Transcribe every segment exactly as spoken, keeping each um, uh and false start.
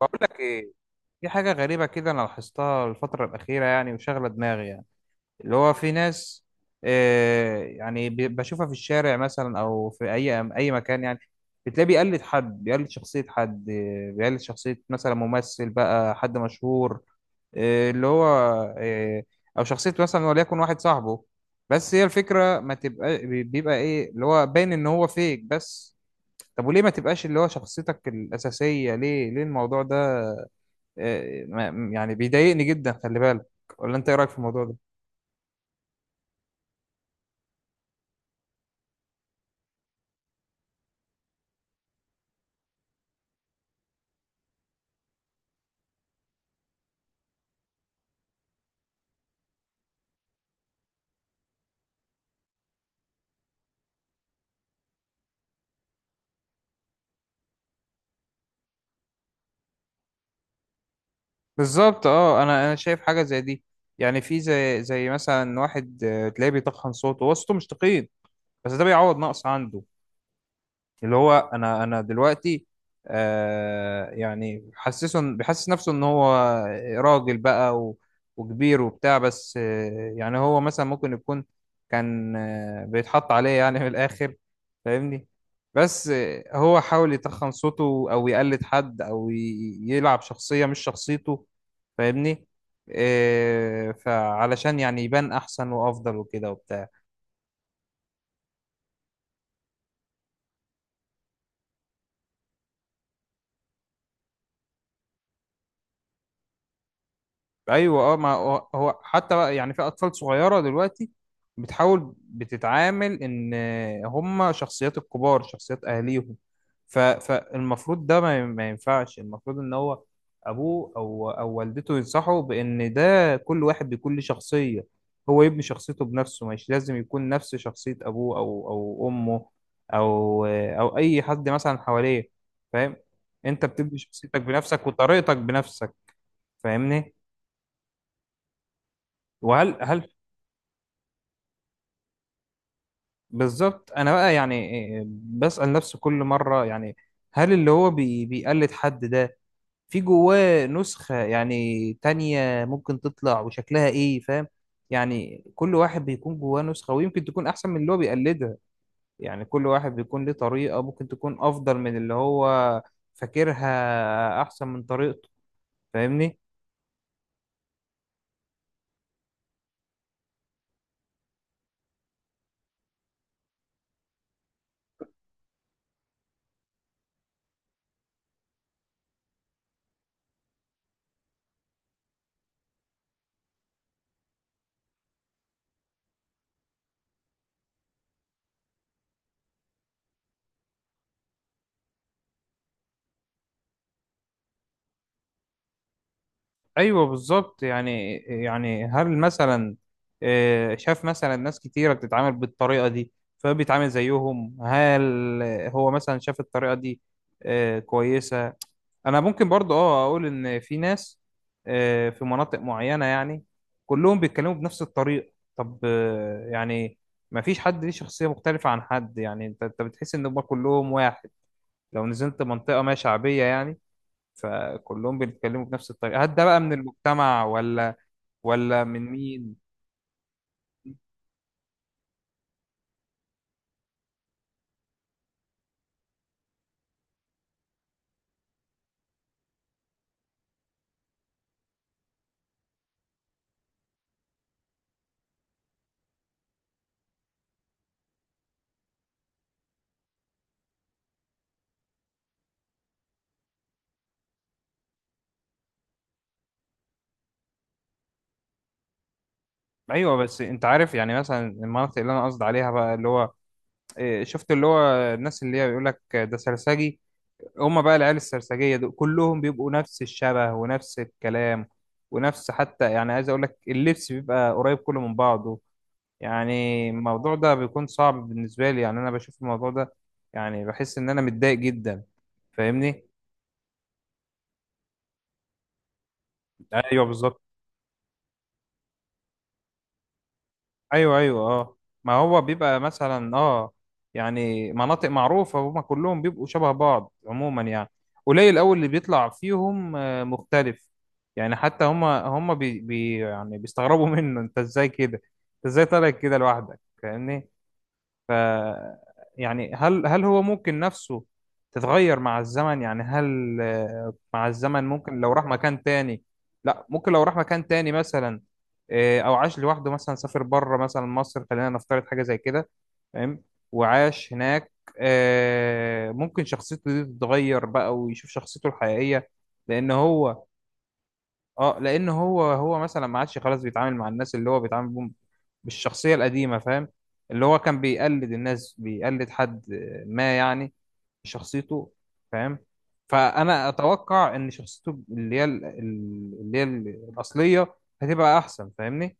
بقول لك ايه. في حاجه غريبه كده انا لاحظتها الفتره الاخيره يعني وشغله دماغي يعني. اللي هو في ناس آه يعني ب- بشوفها في الشارع مثلا او في اي اي مكان يعني. بتلاقيه بيقلد حد، بيقلد شخصيه حد، آه، بيقلد شخصيه مثلا ممثل بقى، حد مشهور. آه اللي هو آه او شخصيه مثلا وليكن واحد صاحبه. بس هي الفكره ما تبقى بي- بيبقى ايه اللي هو باين ان هو فيك بس. طب وليه ما تبقاش اللي هو شخصيتك الاساسيه؟ ليه ليه الموضوع ده؟ آه، ما- يعني بيضايقني جدا، خلي بالك. ولا انت ايه رايك في الموضوع ده؟ بالظبط اه، انا انا شايف حاجه زي دي. يعني في زي زي مثلا واحد، آه، تلاقيه بيتخن صوته، هو صوته مش تخين بس ده بيعوض نقص عنده. اللي هو انا انا دلوقتي، آه يعني حسسه إن- بيحسس نفسه ان هو راجل بقى و- وكبير وبتاع. بس آه يعني هو مثلا ممكن يكون كان آه بيتحط عليه يعني من الاخر، فاهمني؟ بس آه هو حاول يتخن صوته او يقلد حد او ي- يلعب شخصية مش شخصيته، فاهمني؟ آه فعلشان يعني يبان احسن وافضل وكده وبتاع. ايوه اه، ما هو هو حتى بقى يعني في اطفال صغيره دلوقتي بتحاول، بتتعامل ان هم شخصيات الكبار، شخصيات اهاليهم. ف... فالمفروض ده ما, ما ينفعش. المفروض ان هو ابوه او او والدته ينصحه بان ده كل واحد بكل شخصيه، هو يبني شخصيته بنفسه، مش لازم يكون نفس شخصيه ابوه او او امه او او اي حد مثلا حواليه. فاهم؟ انت بتبني شخصيتك بنفسك وطريقتك بنفسك، فاهمني؟ وهل هل بالظبط، انا بقى يعني إيه، بسأل نفسي كل مرة، يعني هل اللي هو بي بيقلد حد ده في جواه نسخة يعني تانية ممكن تطلع وشكلها ايه؟ فاهم؟ يعني كل واحد بيكون جواه نسخة، ويمكن تكون احسن من اللي هو بيقلدها. يعني كل واحد بيكون ليه طريقة ممكن تكون افضل من اللي هو فاكرها احسن من طريقته، فاهمني؟ ايوه بالظبط، يعني يعني هل مثلا آه، شاف مثلا ناس كتيره بتتعامل بالطريقه دي فبيتعامل زيهم؟ هل هو مثلا شاف الطريقه دي آه، كويسه؟ انا ممكن برضو اه اقول ان في ناس آه، في مناطق معينه يعني كلهم بيتكلموا بنفس الطريقه. طب آه، يعني ما فيش حد ليه شخصيه مختلفه عن حد، يعني انت انت بتحس ان هم كلهم واحد. لو نزلت منطقه ما شعبيه يعني فكلهم بيتكلموا بنفس الطريقة. هل ده بقى من المجتمع، ولا ولا من مين؟ ايوه. بس انت عارف يعني مثلا المناطق اللي انا قصدي عليها بقى، اللي هو إيه، شفت اللي هو الناس اللي هي بيقول لك ده سرسجي، هم بقى العيال السرسجية دول كلهم بيبقوا نفس الشبه ونفس الكلام، ونفس حتى يعني عايز اقول لك اللبس بيبقى قريب كله من بعضه يعني. الموضوع ده بيكون صعب بالنسبة لي. يعني انا بشوف الموضوع ده، يعني بحس ان انا متضايق جدا، فاهمني؟ ايوه بالظبط. ايوه ايوه اه، ما هو بيبقى مثلا اه، يعني مناطق معروفة، هما كلهم بيبقوا شبه بعض عموما يعني. قليل قوي اللي بيطلع فيهم آه، مختلف. يعني حتى هما هما بي بي يعني بيستغربوا منه، انت ازاي كده؟ انت ازاي طالع كده لوحدك؟ فاهمني؟ ف يعني هل هل هو ممكن نفسه تتغير مع الزمن؟ يعني هل آه، مع الزمن ممكن لو راح مكان تاني؟ لا، ممكن لو راح مكان تاني مثلا آه، او عاش لوحده، مثلا سافر بره مثلا مصر، خلينا نفترض حاجة زي كده، فاهم؟ وعاش هناك، آه، ممكن شخصيته دي تتغير بقى ويشوف شخصيته الحقيقية. لان هو اه، لان هو هو مثلا ما عادش خلاص بيتعامل مع الناس اللي هو بيتعامل بيهم بالشخصية القديمة، فاهم؟ اللي هو كان بيقلد الناس، بيقلد حد ما يعني شخصيته، فاهم؟ فأنا أتوقع إن شخصيته اللي هي ال- ال- اللي هي ال- الأصلية هتبقى أحسن، فاهمني؟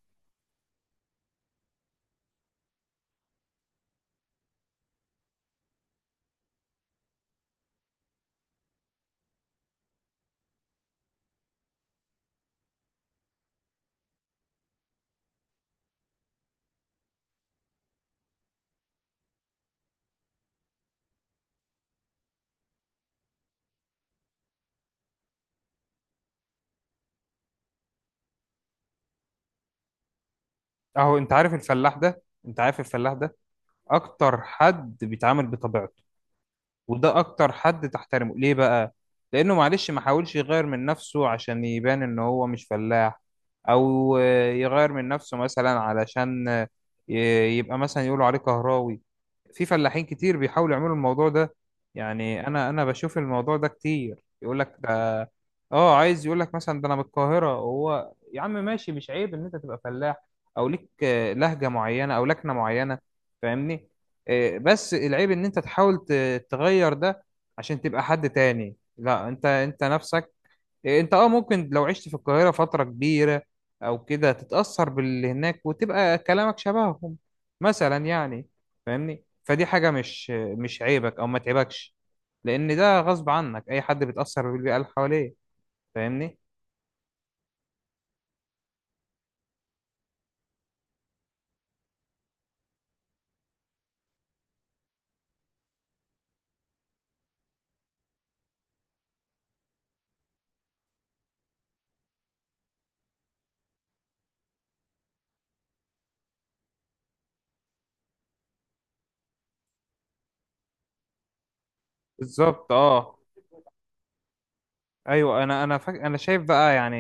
أهو أنت عارف الفلاح ده؟ أنت عارف الفلاح ده أكتر حد بيتعامل بطبيعته، وده اكتر حد تحترمه. ليه بقى؟ لانه معلش ما حاولش يغير من نفسه عشان يبان ان هو مش فلاح، او آه، يغير من نفسه مثلا علشان آه، ي- يبقى مثلا يقولوا عليه كهراوي. في فلاحين كتير بيحاولوا يعملوا الموضوع ده. يعني انا انا بشوف الموضوع ده كتير. يقول لك ده اه، عايز يقول لك مثلا ده انا من القاهرة. هو يا عم ماشي، مش عيب ان انت تبقى فلاح او ليك آه، لهجة معينة او لكنة معينة، فاهمني؟ آه، بس العيب ان انت تحاول التغير ده عشان تبقى حد تاني. لا، انت انت نفسك. انت اه ممكن لو عشت في القاهرة فترة كبيرة او كده تتأثر باللي هناك وتبقى كلامك شبههم مثلا يعني. فاهمني؟ فدي حاجة مش مش عيبك او ما تعيبكش، لان ده غصب عنك. اي حد بيتأثر بالبيئة اللي حواليه، فاهمني؟ بالظبط اه. ايوه، انا انا فاك... انا شايف بقى يعني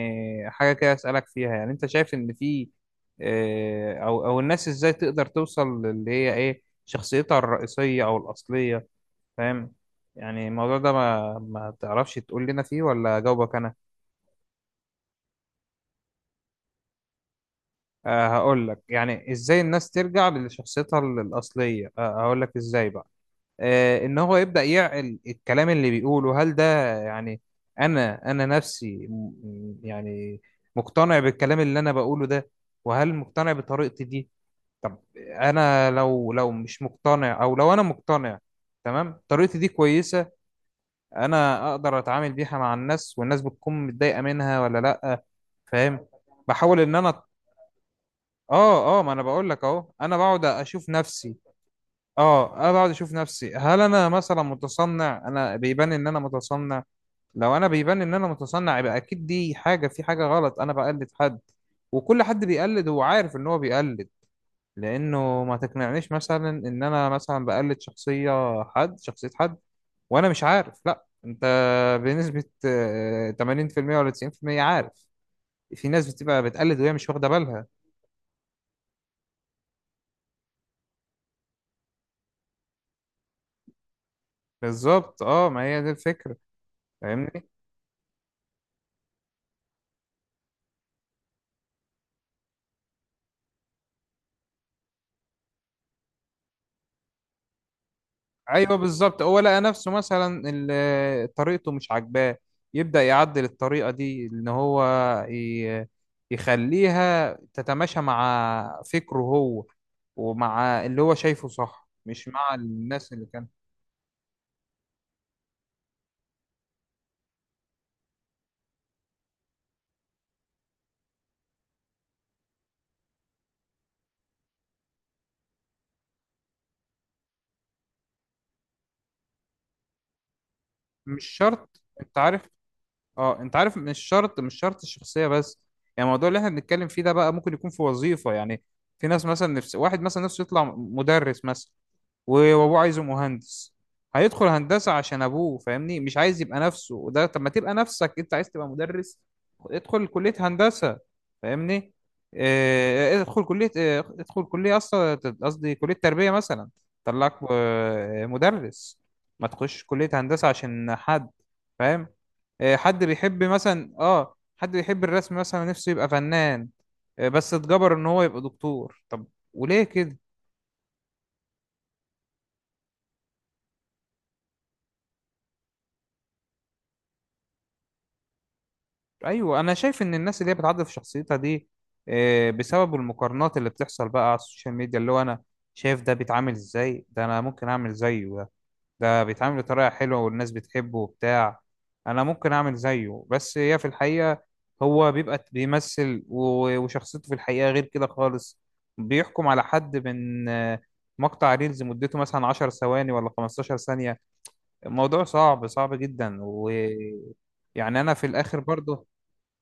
حاجه كده اسالك فيها. يعني انت شايف ان في آه، او او الناس ازاي تقدر توصل للي هي ايه شخصيتها الرئيسيه او الاصليه؟ فاهم؟ يعني الموضوع ده ما ما تعرفش تقول لنا فيه ولا اجاوبك انا؟ أه، هقول لك يعني ازاي الناس ترجع لشخصيتها ال- الاصليه. أه هقول لك ازاي بقى. آه، ان هو يبدأ يعقل الكلام اللي بيقوله. هل ده يعني انا انا نفسي م- م- يعني مقتنع بالكلام اللي انا بقوله ده؟ وهل مقتنع بطريقتي دي؟ طب انا لو لو مش مقتنع، او لو انا مقتنع تمام طريقتي دي كويسة، انا اقدر اتعامل بيها مع الناس، والناس بتكون متضايقة منها ولا لا؟ فاهم؟ بحاول ان انا اه اه، ما انا بقول لك اهو، انا بقعد اشوف نفسي. اه انا بقعد اشوف نفسي هل انا مثلا متصنع؟ انا بيبان ان انا متصنع؟ لو انا بيبان ان انا متصنع يبقى اكيد دي حاجه، في حاجه غلط، انا بقلد حد. وكل حد بيقلد هو عارف ان هو بيقلد. لانه ما تقنعنيش مثلا ان انا مثلا بقلد شخصيه حد، شخصيه حد، وانا مش عارف. لا، انت بنسبه آه، تمانين في المية ولا تسعين في المية عارف. في ناس بتبقى بتقلد وهي مش واخده بالها. بالظبط اه، ما هي دي الفكره، فاهمني؟ ايوه بالظبط. هو لقى نفسه مثلا ال- طريقته مش عاجباه، يبدأ يعدل الطريقة دي ان هو ي- يخليها تتماشى مع فكره هو، ومع اللي هو شايفه صح، مش مع الناس اللي كان. مش شرط، انت عارف؟ اه انت عارف، مش شرط، مش شرط الشخصية بس. يعني الموضوع اللي احنا بنتكلم فيه ده بقى ممكن يكون في وظيفة. يعني في ناس مثلا، نفس واحد مثلا نفسه يطلع مدرس مثلا، و- وابوه عايزه مهندس، هيدخل هندسة عشان ابوه. فاهمني؟ مش عايز يبقى نفسه. وده طب ما تبقى نفسك، انت عايز تبقى مدرس، ادخل كلية هندسة؟ فاهمني؟ آه، ادخل كلية آه، ادخل كلية اصلا، قصدي كلية تربية مثلا، طلعك آه، مدرس. ما تخش كلية هندسة عشان حد. فاهم؟ آه، حد بيحب مثلا اه، حد بيحب الرسم مثلا، نفسه يبقى فنان، آه، بس اتجبر ان هو يبقى دكتور طب. وليه كده؟ ايوه، انا شايف ان الناس اللي هي بتعدل في شخصيتها دي آه، بسبب المقارنات اللي بتحصل بقى على السوشيال ميديا. اللي هو انا شايف ده بيتعامل ازاي، ده انا ممكن اعمل زيه. ده ده بيتعامل بطريقه حلوه والناس بتحبه وبتاع، انا ممكن اعمل زيه. بس هي في الحقيقه هو بيبقى بيمثل، و- وشخصيته في الحقيقه غير كده خالص. بيحكم على حد من آه، مقطع ريلز مدته مثلا عشر ثواني ولا خمستاشرة ثانية. الموضوع صعب صعب جدا. ويعني انا في الاخر برضه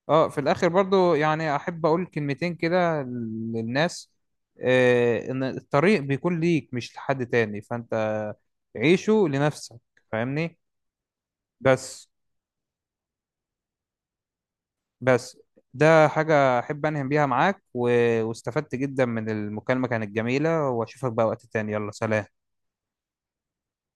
اه، في الاخر برضو يعني احب اقول كلمتين كده للناس. آه، ان الطريق بيكون ليك مش لحد تاني، فانت عيشه لنفسك، فاهمني؟ بس بس ده حاجة احب انهم بيها معاك، و... واستفدت جدا من المكالمة، كانت جميلة. واشوفك بقى وقت تاني، يلا سلام.